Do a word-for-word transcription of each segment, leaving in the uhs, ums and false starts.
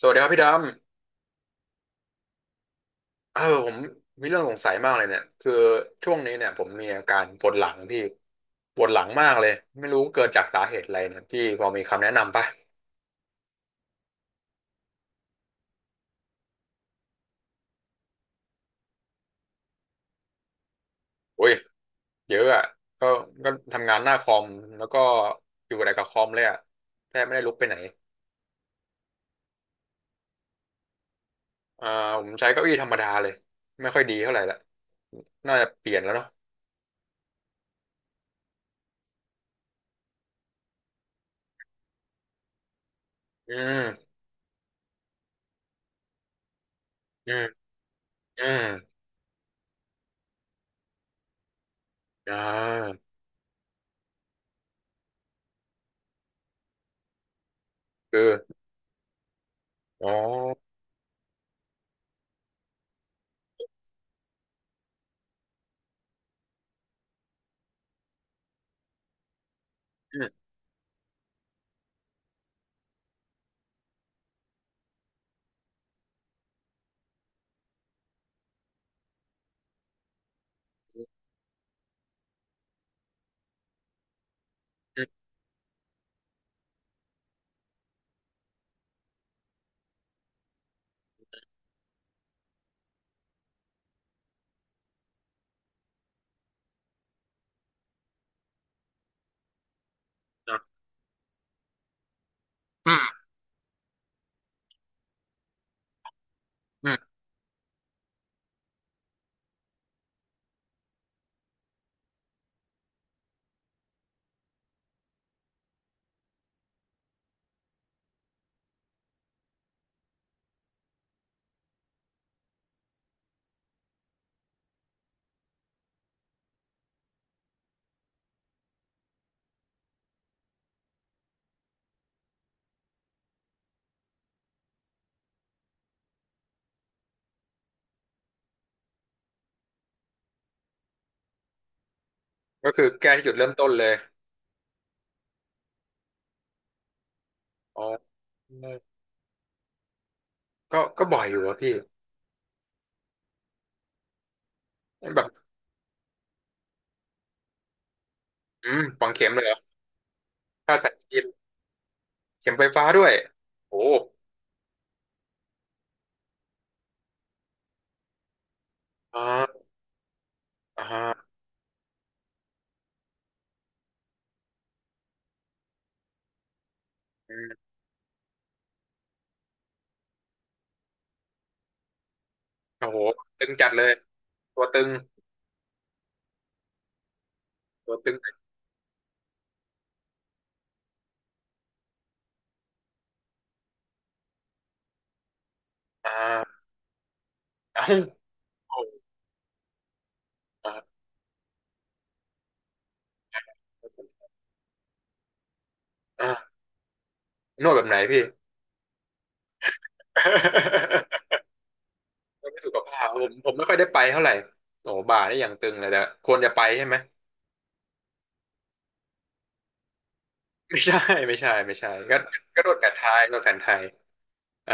สวัสดีครับพี่ดำเออผมมีเรื่องสงสัยมากเลยเนี่ยคือช่วงนี้เนี่ยผมมีอาการปวดหลังพี่ปวดหลังมากเลยไม่รู้เกิดจากสาเหตุอะไรเนี่ยพี่พอมีคำแนะนำป่ะอุ้ยเยอะอ่ะก็ก็ทำงานหน้าคอมแล้วก็อยู่แต่กับคอมเลยอ่ะแทบไม่ได้ลุกไปไหนอ่าผมใช้เก้าอี้ธรรมดาเลยไม่ค่อยดีเท่าไหร่ละน่าจะเปลี่ยนแล้วเนาะอืมอืมอืมอ่าคืออ๋ออืมอืมอืมอืม ก็คือแก้ที่จุดเริ่มต้นเลยอ๋อก็ก็บ่อยอยู่อะพี่ แบบอืมฝังเข็มเลยเหรอพาดแผนชีพเข็มไฟฟ้าด้วย โอ้อ่าอ่าอืมโอ้โหตึงจัดเลย ตัวตึง ตัวตึงอ่าเอ้าโอ้อ่าอ่านวดแบบไหนพี่ นวดไม่สุขภาพผมผมไม่ค่อยได้ไปเท่าไหร่ โอ้บ่าได้อย่างตึงเลยแต่ควรจะไปใช่ไหม ไม่ใช่ ไม่ใช่ไม่ใช่ก็ก็นวดแผนไทยนวดแผนไทย เออ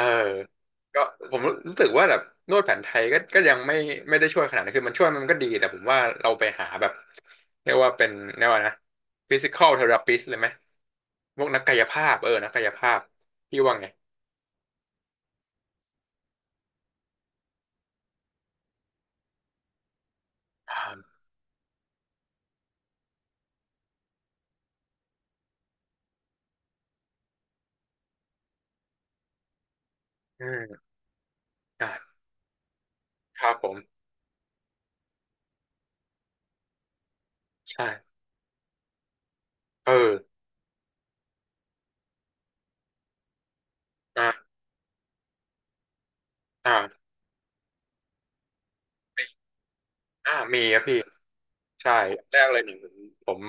ก็ผมรู้สึกว่าแบบนวดแผนไทยก็ก็ยังไม่ไม่ได้ช่วยขนาดนั้นคือมันช่วยมันก็ดีแต่ผมว่าเราไปหาแบบเรียกว่าเป็นเรียกว่านะ ฟิสิคัล เทอราปิสต์ เลยไหมพวกนักกายภาพเออ นักกายภาพพี่ว่าไงอ่าอืมอ่าครับผมใช่เอออ่าอ่าอ่ามีครับพี่ ใช่แรกเลยหนึ่งผม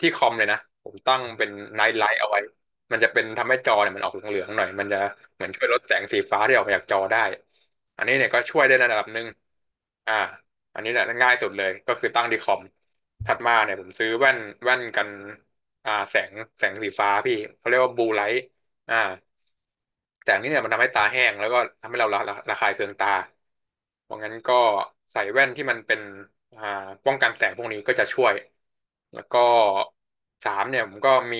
ที่คอมเลยนะผมตั้งเป็น ไนท์ไลท์ เอาไว้มันจะเป็นทำให้จอเนี่ยมันออกเหลืองๆหน่อยมันจะเหมือนช่วยลดแสงสีฟ้าที่ออกมาจากจอได้อันนี้เนี่ยก็ช่วยได้ในระดับหนึ่งอ่าอันนี้เนี่ยง่ายสุดเลยก็คือตั้งที่คอมถัดมาเนี่ยผมซื้อแว่นแว่นกันอ่าแสงแสงสีฟ้าพี่เขาเรียกว่า บลูไลท์ อ่าแต่อันนี้เนี่ยมันทำให้ตาแห้งแล้วก็ทำให้เราระระระคายเคืองตาเพราะงั้นก็ใส่แว่นที่มันเป็นอ่าป้องกันแสงพวกนี้ก็จะช่วยแล้วก็สามเนี่ยผมก็มี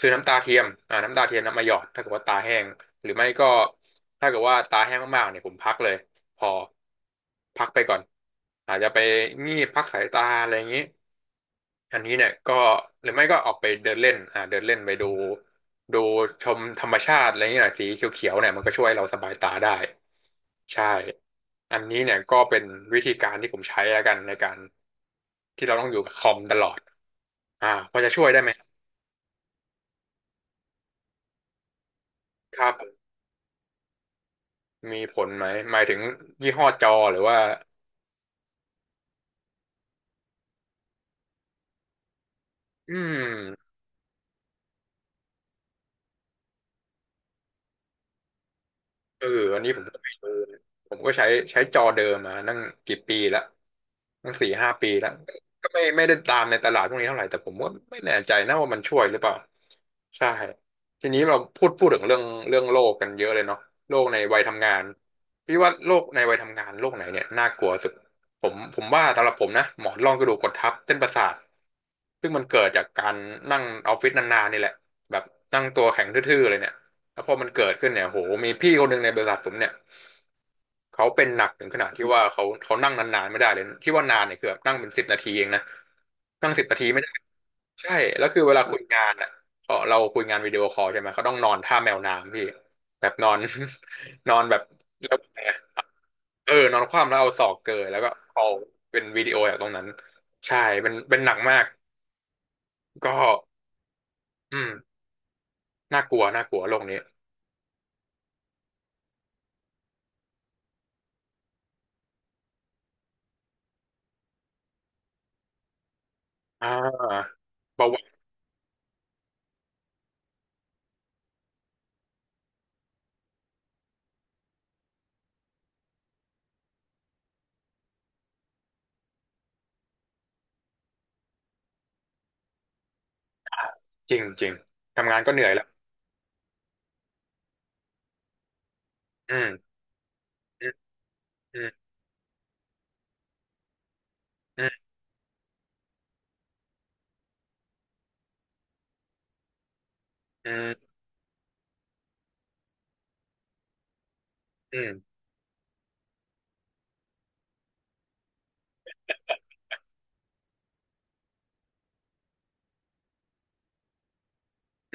ซื้อน้ำตาเทียมอ่าน้ำตาเทียมน้ำมาหยอดถ้าเกิดว่าตาแห้งหรือไม่ก็ถ้าเกิดว่าตาแห้งมากๆเนี่ยผมพักเลยพอพักไปก่อนอาจจะไปงีบพักสายตาอะไรอย่างนี้ อันนี้เนี่ยก็หรือไม่ก็ออกไปเดินเล่นอ่าเดินเล่นไปดูดูชมธรรมชาติอะไรอย่างเงี้ยหน่อยสีเขียวๆเนี่ยมันก็ช่วยเราสบายตาได้ใช่อันนี้เนี่ยก็เป็นวิธีการที่ผมใช้แล้วกันในการที่เราต้องอยู่กับคอมตลอดอ่าพอจะช่วยได้ไหมครับมีผลไหมหมายถึงยี่ห้อจอหรือว่าอืม เอออันนี้ผมก็ไม่รู้นะผมก็ใช้ใช้จอเดิมมานั่งกี่ปีละตั้งสี่ห้าปีละก็ไม่ไม่ได้ตามในตลาดพวกนี้เท่าไหร่แต่ผมว่าไม่แน่ใจนะว่ามันช่วยหรือเปล่าใช่ทีนี้เราพูดพูดถึงเรื่องเรื่องโลกกันเยอะเลยเนาะโลกในวัยทำงานพี่ว่าโลกในวัยทำงานโลกไหนเนี่ยน่ากลัวสุดผมผมว่าสำหรับผมนะหมอนรองกระดูกกดทับเส้นประสาทซึ่งมันเกิดจากการนั่งออฟฟิศนานๆนี่แหละแบบนั่งตัวแข็งทื่อๆเลยเนี่ย แล้วพอมันเกิดขึ้นเนี่ยโหมีพี่คนหนึ่งในบริษัทผมเนี่ยเขาเป็นหนักถึงขนาดที่ว่าเขาเขานั่งนานๆไม่ได้เลยที่ว่านานเนี่ยคือแบบนั่งเป็นสิบนาทีเองนะนั่งสิบนาทีไม่ได้ใช่แล้วคือเวลาคุยงานอ่ะเราเราคุยงานวิดีโอคอลใช่ไหมเขาต้องนอนท่าแมวน้ำพี่แบบนอน นอนแบบแล้วแต่เออนอนคว่ำแล้วเอาศอกเกยแล้วก็คอลเป็นวิดีโอจากตรงนั้นใช่เป็นเป็นหนักมากก็อืมน่ากลัวน่ากลัวโลกนี้อ่าเบาหวานจริงจริงทำงานก็เหนื่อยแล้ว อืมอืมอืมอืมอืม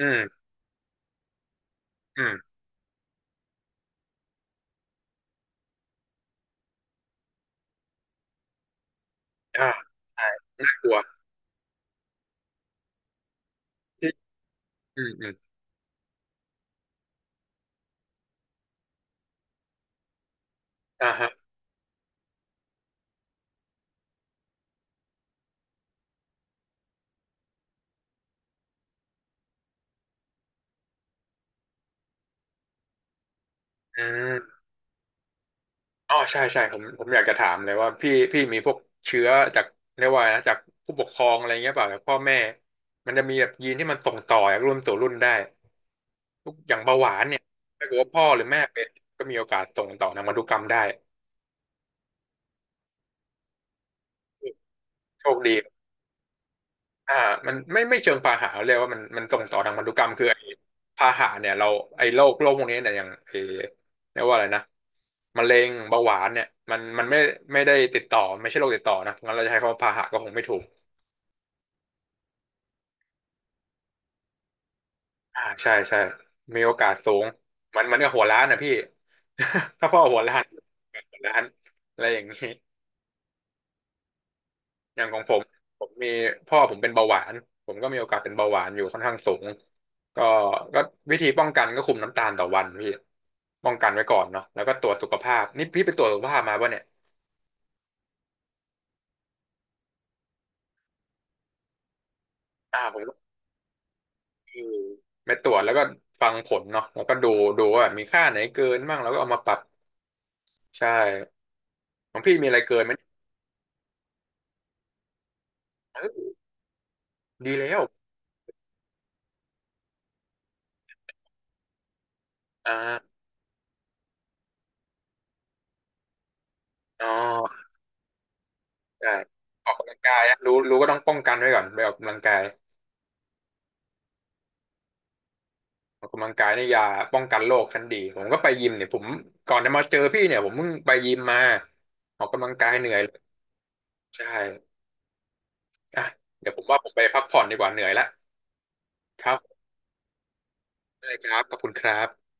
อืมอืมอืมอ่าใช่กลัวอืมอืมอืมอ่าฮะอ่าอ๋อใช่ใช่ผมผมอยากจะถามเลยว่าพี่พี่มีพวกเชื้อจากเรียกว่าอะไรนะจากผู้ปกครองอะไรเงี้ยเปล่าจากพ่อแม่มันจะมีแบบยีนที่มันส่งต่อจากรุ่นสู่รุ่นได้ทุกอย่างเบาหวานเนี่ยถ้าเกิดว่าพ่อหรือแม่เป็นก็มีโอกาสส่งต่อทางพันธุกรรมได้โชคดี อ่ามันไม่ไม่เชิงพาหะเรียกว่ามันมันส่งต่อทางพันธุกรรมคือไอ้พาหะเนี่ยเราไอ้โรคโรคพวกนี้เนี่ยอย่างไอ้เรียกว่าอะไรนะมะเร็งเบาหวานเนี่ยมันมันไม่ไม่ได้ติดต่อไม่ใช่โรคติดต่อนะงั้นเราจะใช้คำว่าพาหะก็คงไม่ถูกอ่าใช่ใช่มีโอกาสสูงมันมันก็หัวล้านนะพี่ ถ้าพ่อหัวล้านหัวล้านอะไรอย่างนี้ อย่างของผมผมมีพ่อผมเป็นเบาหวานผมก็มีโอกาสเป็นเบาหวานอยู่ค่อนข้างสูงก็ก็วิธีป้องกันก็คุมน้ำตาลต่อวันพี่ป้องกันไว้ก่อนเนาะแล้วก็ตรวจสุขภาพนี่พี่ไปตรวจสุขภาพมาป่ะเนี่ยอ่าผมก็คือไปตรวจแล้วก็ฟังผลเนาะแล้วก็ดูดูว่ามีค่าไหนเกินบ้างแล้วก็เอามาปรับใช่ของพี่มีอะไรเกินไหมเออดีแล้วอ่าอ๋อใช่ออกกำลังกายอะรู้รู้ก็ต้องป้องกันไว้ก่อนไปออกกำลังกาย ออกกำลังกายนี่ยาป้องกันโรคชั้นดีผมก็ไปยิมเนี่ยผมก่อนจะมาเจอพี่เนี่ยผมเพิ่งไปยิมมาออกกำลังกายเหนื่อยเลยใช่อ่ะเดี๋ยวผมว่าผมไปพักผ่อนดีกว่าเหนื่อยแล้วครับได้ครับขอบคุณครับ